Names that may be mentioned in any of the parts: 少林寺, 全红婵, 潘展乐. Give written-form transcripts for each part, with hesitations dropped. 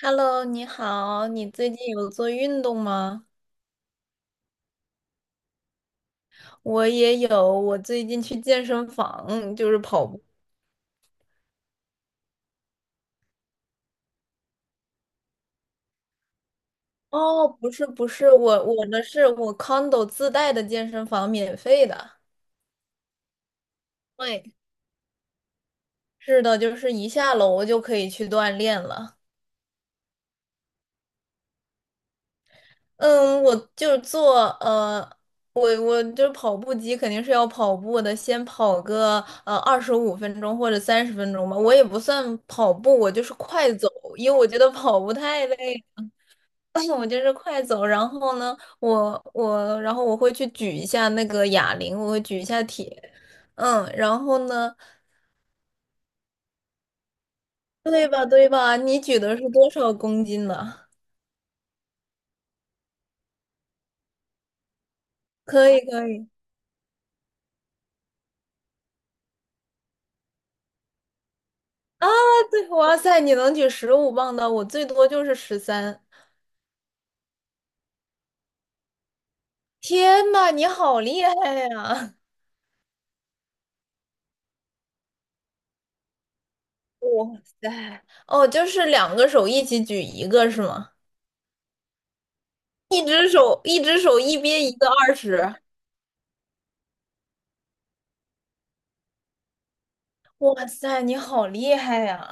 Hello，你好，你最近有做运动吗？我也有，我最近去健身房，就是跑步。哦，不是不是，我的是我 condo 自带的健身房，免费的。对，是的，就是一下楼就可以去锻炼了。嗯，我就是跑步机肯定是要跑步的，先跑个25分钟或者30分钟吧。我也不算跑步，我就是快走，因为我觉得跑步太累。我就是快走，然后呢，我我然后我会去举一下那个哑铃，我会举一下铁，嗯，然后呢，对吧对吧？你举的是多少公斤的？可以可以啊，对，哇塞，你能举15磅的，我最多就是13。天呐，你好厉害呀！哇塞，哦，就是两个手一起举一个是吗？一只手一边一个二十，哇塞，你好厉害呀！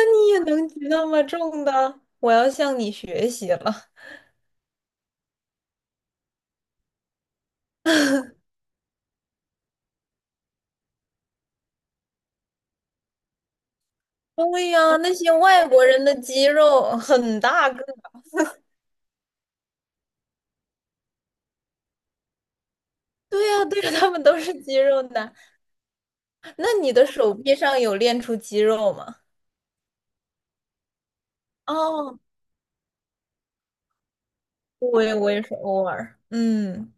你也能举那么重的？我要向你学习了。对呀，那些外国人的肌肉很大个。对呀，对呀，他们都是肌肉男。那你的手臂上有练出肌肉吗？哦，我也是偶尔。嗯，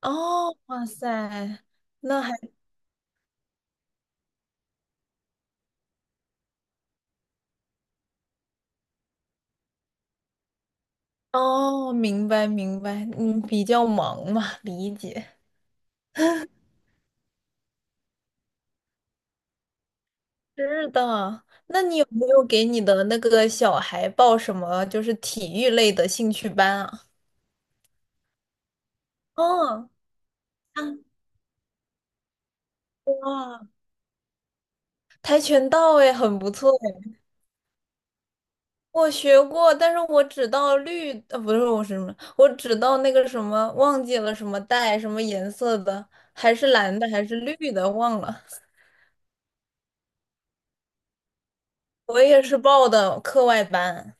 哦，哇塞，那还哦，明白明白，嗯，比较忙嘛，理解。是的，那你有没有给你的那个小孩报什么就是体育类的兴趣班啊？哦，看过跆拳道哎，很不错哎，我学过，但是我只到绿，呃，不是我是什么，我只到那个什么，忘记了什么带什么颜色的，还是蓝的还是绿的，忘了。我也是报的课外班。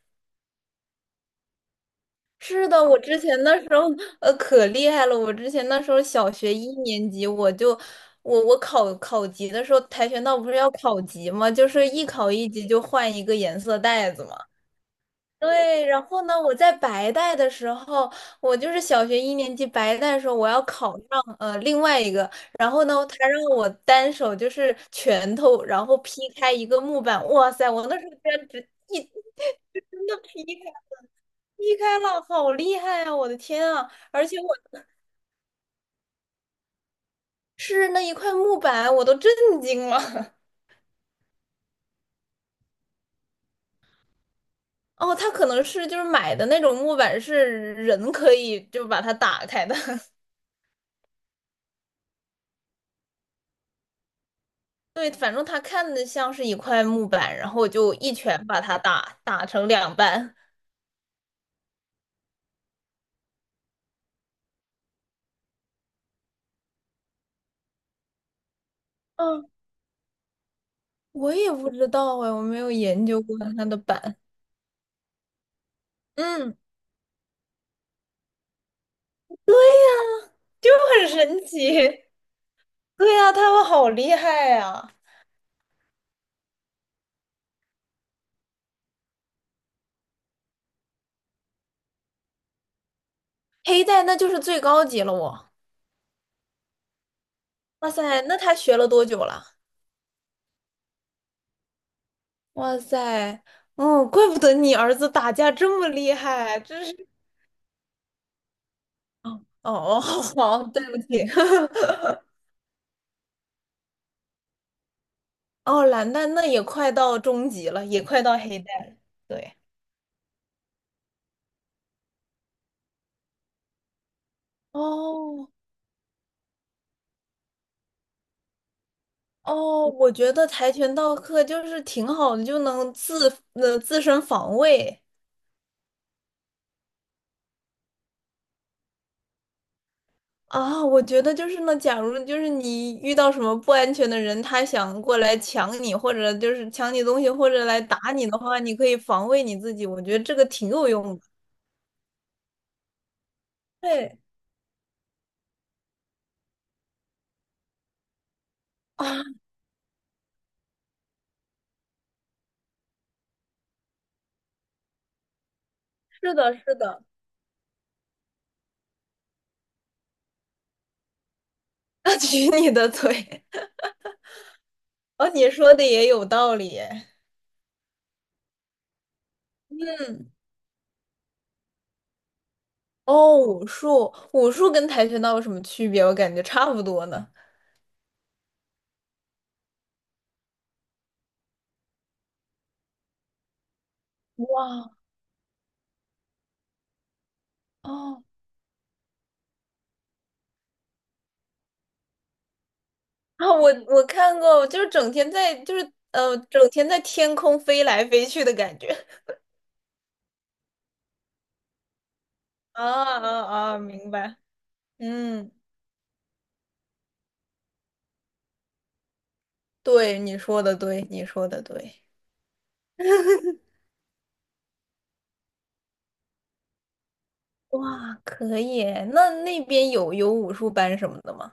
是的，我之前那时候呃可厉害了，我之前那时候小学一年级我就。我考考级的时候，跆拳道不是要考级吗？就是一考一级就换一个颜色带子嘛。对，然后呢，我在白带的时候，我就是小学一年级白带的时候，我要考上呃另外一个，然后呢，他让我单手就是拳头，然后劈开一个木板，哇塞，我那时候居然只一 就真的劈开了，劈开了，好厉害啊！我的天啊，而且我是那一块木板，我都震惊了。哦，他可能是就是买的那种木板，是人可以就把它打开的。对，反正他看的像是一块木板，然后我就一拳把他打成两半。嗯，我也不知道哎，我没有研究过他的板。嗯，对呀，就很神奇。对呀，他们好厉害呀！黑带那就是最高级了我。哇塞，那他学了多久了？哇塞，嗯，怪不得你儿子打架这么厉害，真是。哦哦，哦好，好，对不起。哦，蓝带那也快到中级了，也快到黑带了。对，哦，哦，我觉得跆拳道课就是挺好的，就能自身防卫啊。我觉得就是呢，假如就是你遇到什么不安全的人，他想过来抢你，或者就是抢你东西，或者来打你的话，你可以防卫你自己。我觉得这个挺有用的。对啊，是的，是的，他举你的腿。哦，你说的也有道理。嗯。哦，武术，武术跟跆拳道有什么区别？我感觉差不多呢。哇，哦，啊，我看过，就是整天在，就是呃，整天在天空飞来飞去的感觉。啊啊啊！明白。嗯，对，你说的对，你说的对。哇，可以耶那那边有有武术班什么的吗？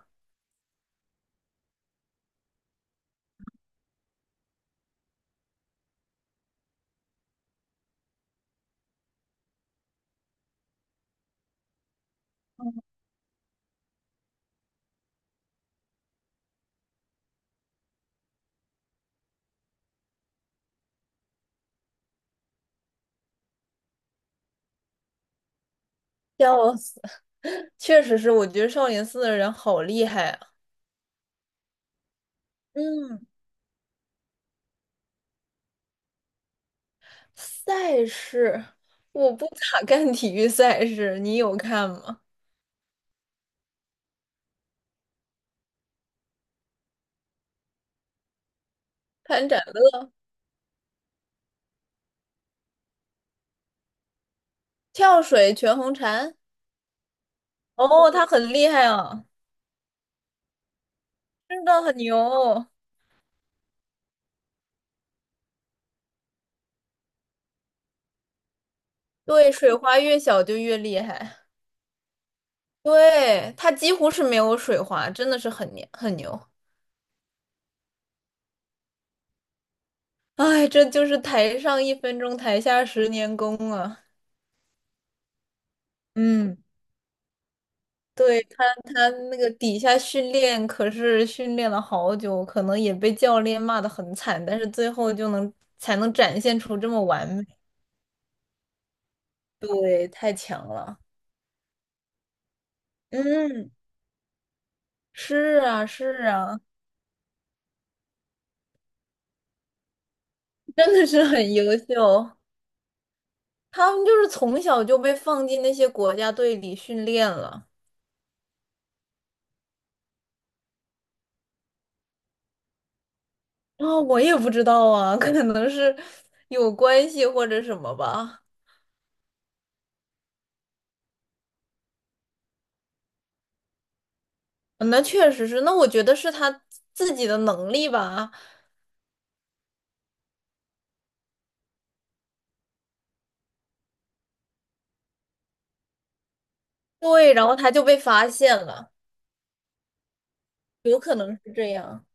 笑死，确实是，我觉得少林寺的人好厉害啊。嗯。赛事，我不咋看体育赛事，你有看吗？潘展乐、跳水、全红婵，哦，他很厉害啊，真的很牛。对，水花越小就越厉害，对，他几乎是没有水花，真的是很牛很牛。哎，这就是台上一分钟，台下十年功啊。嗯，对他，他那个底下训练可是训练了好久，可能也被教练骂得很惨，但是最后就能才能展现出这么完美。对，太强了。嗯，是啊，是啊，真的是很优秀。他们就是从小就被放进那些国家队里训练了。啊、我也不知道啊，可能是有关系或者什么吧。那确实是，那我觉得是他自己的能力吧。对，然后他就被发现了，有可能是这样。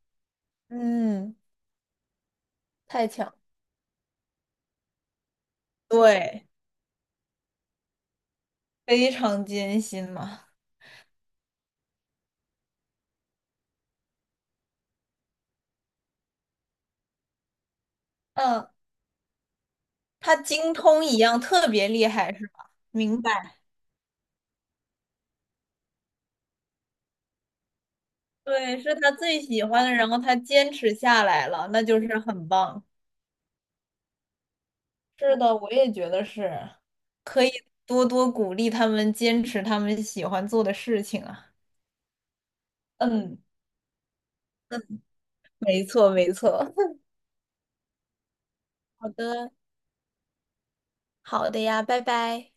嗯，太强，对，非常艰辛嘛。嗯，他精通一样特别厉害，是吧？明白。对，是他最喜欢的，然后他坚持下来了，那就是很棒。是的，我也觉得是，可以多多鼓励他们坚持他们喜欢做的事情啊。嗯，没错，没错。好的，好的呀，拜拜。